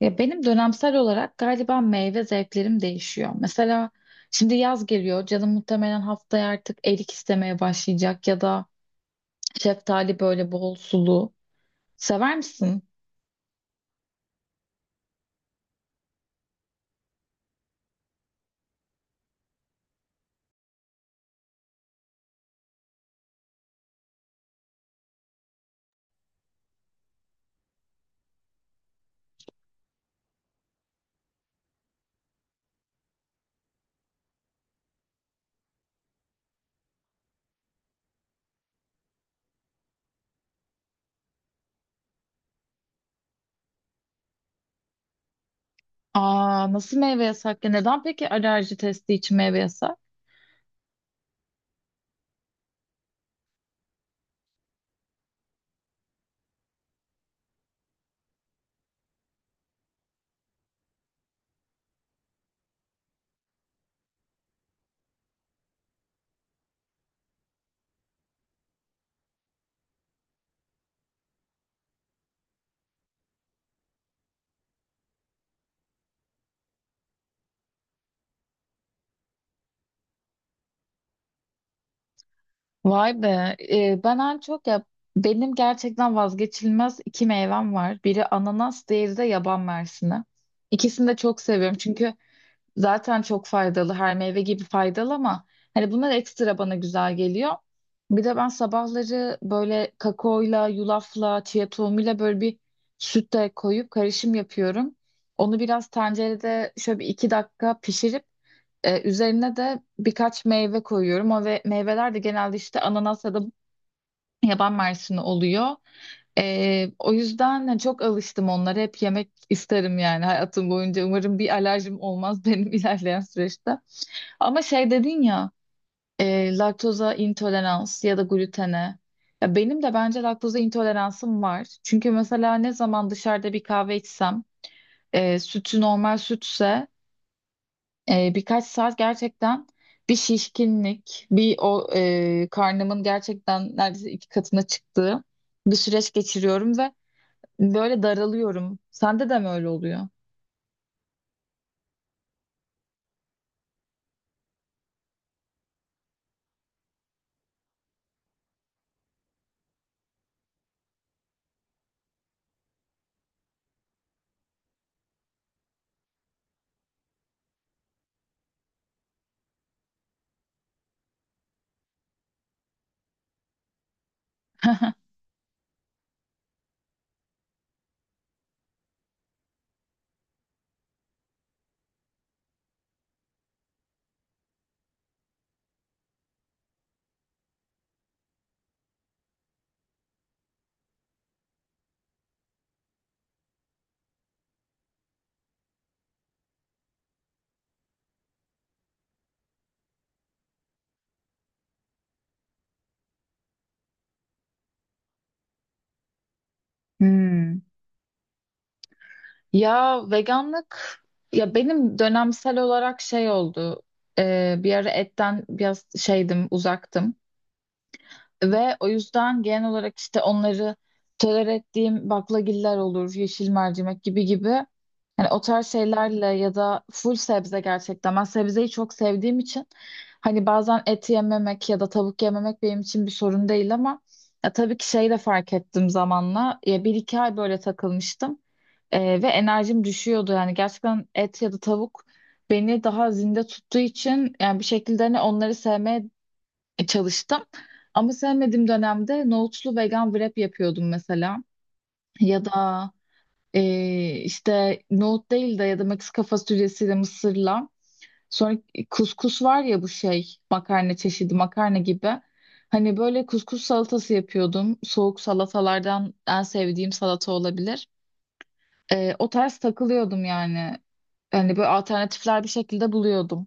Ya benim dönemsel olarak galiba meyve zevklerim değişiyor. Mesela şimdi yaz geliyor. Canım muhtemelen haftaya artık erik istemeye başlayacak ya da şeftali böyle bol sulu. Sever misin? Aa, nasıl meyve yasak ya? Neden peki alerji testi için meyve yasak? Vay be. Ben en çok ya benim gerçekten vazgeçilmez iki meyvem var. Biri ananas, diğeri de yaban mersini. İkisini de çok seviyorum çünkü zaten çok faydalı. Her meyve gibi faydalı ama hani bunlar ekstra bana güzel geliyor. Bir de ben sabahları böyle kakaoyla, yulafla, chia tohumuyla böyle bir süt de koyup karışım yapıyorum. Onu biraz tencerede şöyle bir iki dakika pişirip üzerine de birkaç meyve koyuyorum. O ve meyveler de genelde işte ananas ya da yaban mersini oluyor. O yüzden hani çok alıştım onlara. Hep yemek isterim yani hayatım boyunca. Umarım bir alerjim olmaz benim ilerleyen süreçte. Ama şey dedin ya, laktoza intolerans ya da glutene. Ya benim de bence laktoza intoleransım var. Çünkü mesela ne zaman dışarıda bir kahve içsem, sütü normal sütse birkaç saat gerçekten bir şişkinlik, bir karnımın gerçekten neredeyse 2 katına çıktığı bir süreç geçiriyorum ve böyle daralıyorum. Sende de mi öyle oluyor? Hmm. Ya veganlık ya benim dönemsel olarak şey oldu. Bir ara etten biraz şeydim, uzaktım. Ve o yüzden genel olarak işte onları tolere ettiğim baklagiller olur, yeşil mercimek gibi gibi. Hani o tarz şeylerle ya da full sebze gerçekten. Ben sebzeyi çok sevdiğim için hani bazen et yememek ya da tavuk yememek benim için bir sorun değil ama ya tabii ki şey de fark ettim zamanla. Ya bir iki ay böyle takılmıştım. Ve enerjim düşüyordu. Yani gerçekten et ya da tavuk beni daha zinde tuttuğu için yani bir şekilde hani onları sevmeye çalıştım. Ama sevmediğim dönemde nohutlu vegan wrap yapıyordum mesela. Ya da e, işte nohut değil de ya da Meksika fasulyesiyle mısırla. Sonra kuskus var ya, bu şey makarna çeşidi, makarna gibi. Hani böyle kuskus salatası yapıyordum. Soğuk salatalardan en sevdiğim salata olabilir. O tarz takılıyordum yani. Hani böyle alternatifler bir şekilde buluyordum.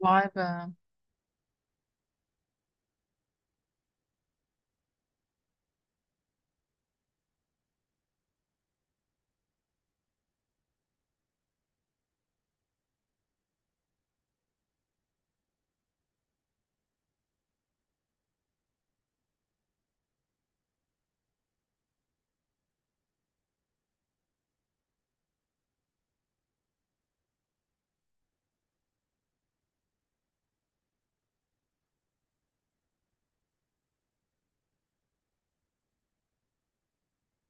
Vay be.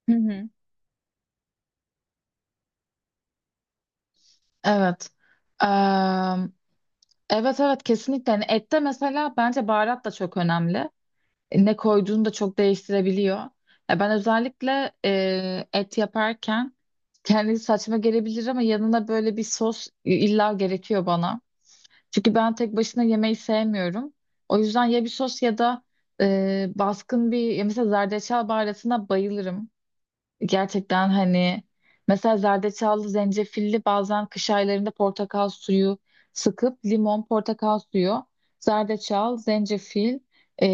Hı hı. Evet. Evet evet kesinlikle. Yani ette mesela bence baharat da çok önemli. Ne koyduğunu da çok değiştirebiliyor. Ya ben özellikle et yaparken kendisi saçma gelebilir ama yanına böyle bir sos illa gerekiyor bana. Çünkü ben tek başına yemeği sevmiyorum. O yüzden ya bir sos ya da baskın bir ya mesela zerdeçal baharatına bayılırım. Gerçekten hani mesela zerdeçallı, zencefilli bazen kış aylarında portakal suyu sıkıp limon, portakal suyu, zerdeçal, zencefil,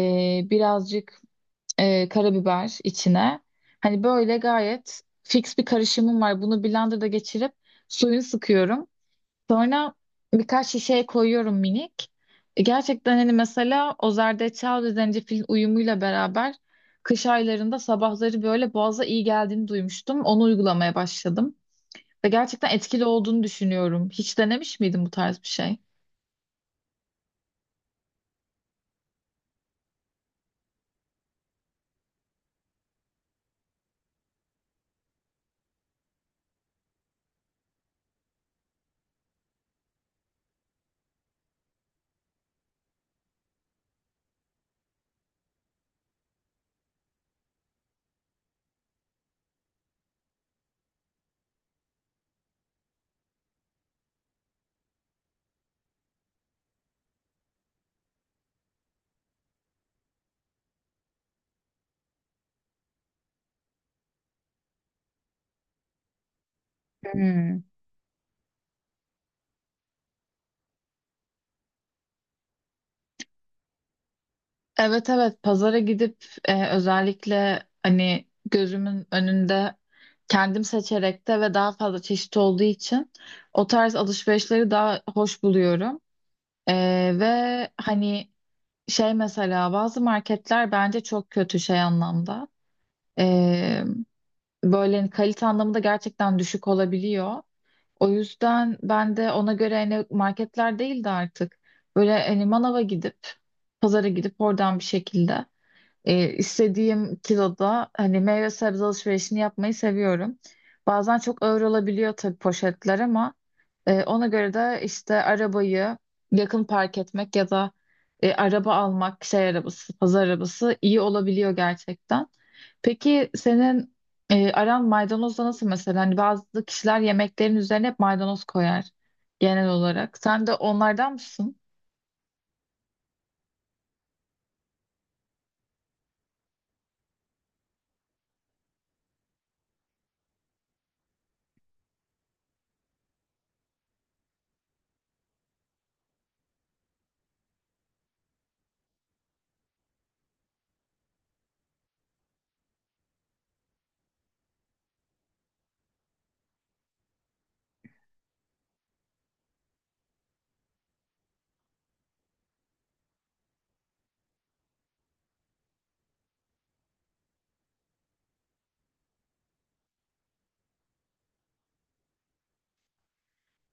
birazcık karabiber içine. Hani böyle gayet fix bir karışımım var. Bunu blenderda geçirip suyunu sıkıyorum. Sonra birkaç şişeye koyuyorum minik. Gerçekten hani mesela o zerdeçal ve zencefil uyumuyla beraber kış aylarında sabahları böyle boğaza iyi geldiğini duymuştum. Onu uygulamaya başladım. Ve gerçekten etkili olduğunu düşünüyorum. Hiç denemiş miydin bu tarz bir şey? Hmm. Evet evet pazara gidip özellikle hani gözümün önünde kendim seçerek de ve daha fazla çeşit olduğu için o tarz alışverişleri daha hoş buluyorum. Ve hani şey mesela bazı marketler bence çok kötü şey anlamda. Ee, Böyle hani, kalite anlamında gerçekten düşük olabiliyor. O yüzden ben de ona göre hani marketler değil de artık böyle hani manava gidip pazara gidip oradan bir şekilde istediğim kiloda hani meyve sebze alışverişini yapmayı seviyorum. Bazen çok ağır olabiliyor tabii poşetler ama ona göre de işte arabayı yakın park etmek ya da araba almak, şey arabası, pazar arabası iyi olabiliyor gerçekten. Peki senin aran maydanozla nasıl mesela? Hani bazı kişiler yemeklerin üzerine hep maydanoz koyar genel olarak. Sen de onlardan mısın?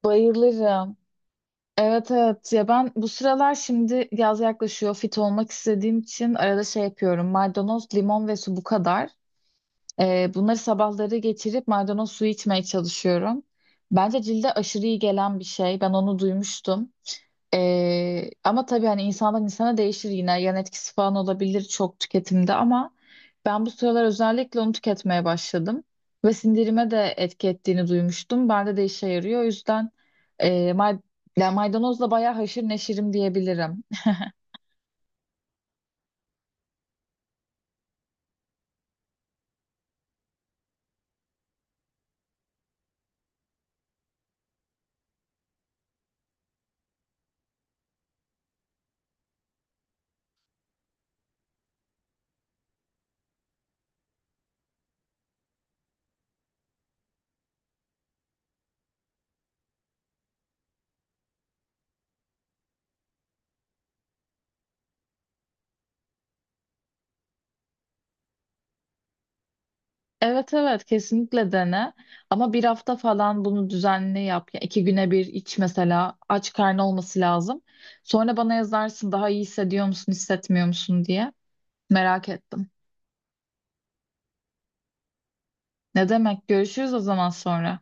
Bayılırım. Evet evet, ya ben bu sıralar şimdi yaz yaklaşıyor fit olmak istediğim için arada şey yapıyorum, maydanoz limon ve su, bu kadar. Bunları sabahları geçirip maydanoz suyu içmeye çalışıyorum. Bence cilde aşırı iyi gelen bir şey. Ben onu duymuştum. Ama tabii hani insandan insana değişir yine. Yan etkisi falan olabilir çok tüketimde ama ben bu sıralar özellikle onu tüketmeye başladım. Ve sindirime de etki ettiğini duymuştum. Bende de işe yarıyor. O yüzden e, may- yani maydanozla bayağı haşır neşirim diyebilirim. Evet evet kesinlikle dene ama bir hafta falan bunu düzenli yap. Ya 2 güne bir iç mesela, aç karnı olması lazım. Sonra bana yazarsın daha iyi hissediyor musun hissetmiyor musun diye merak ettim. Ne demek, görüşürüz o zaman sonra.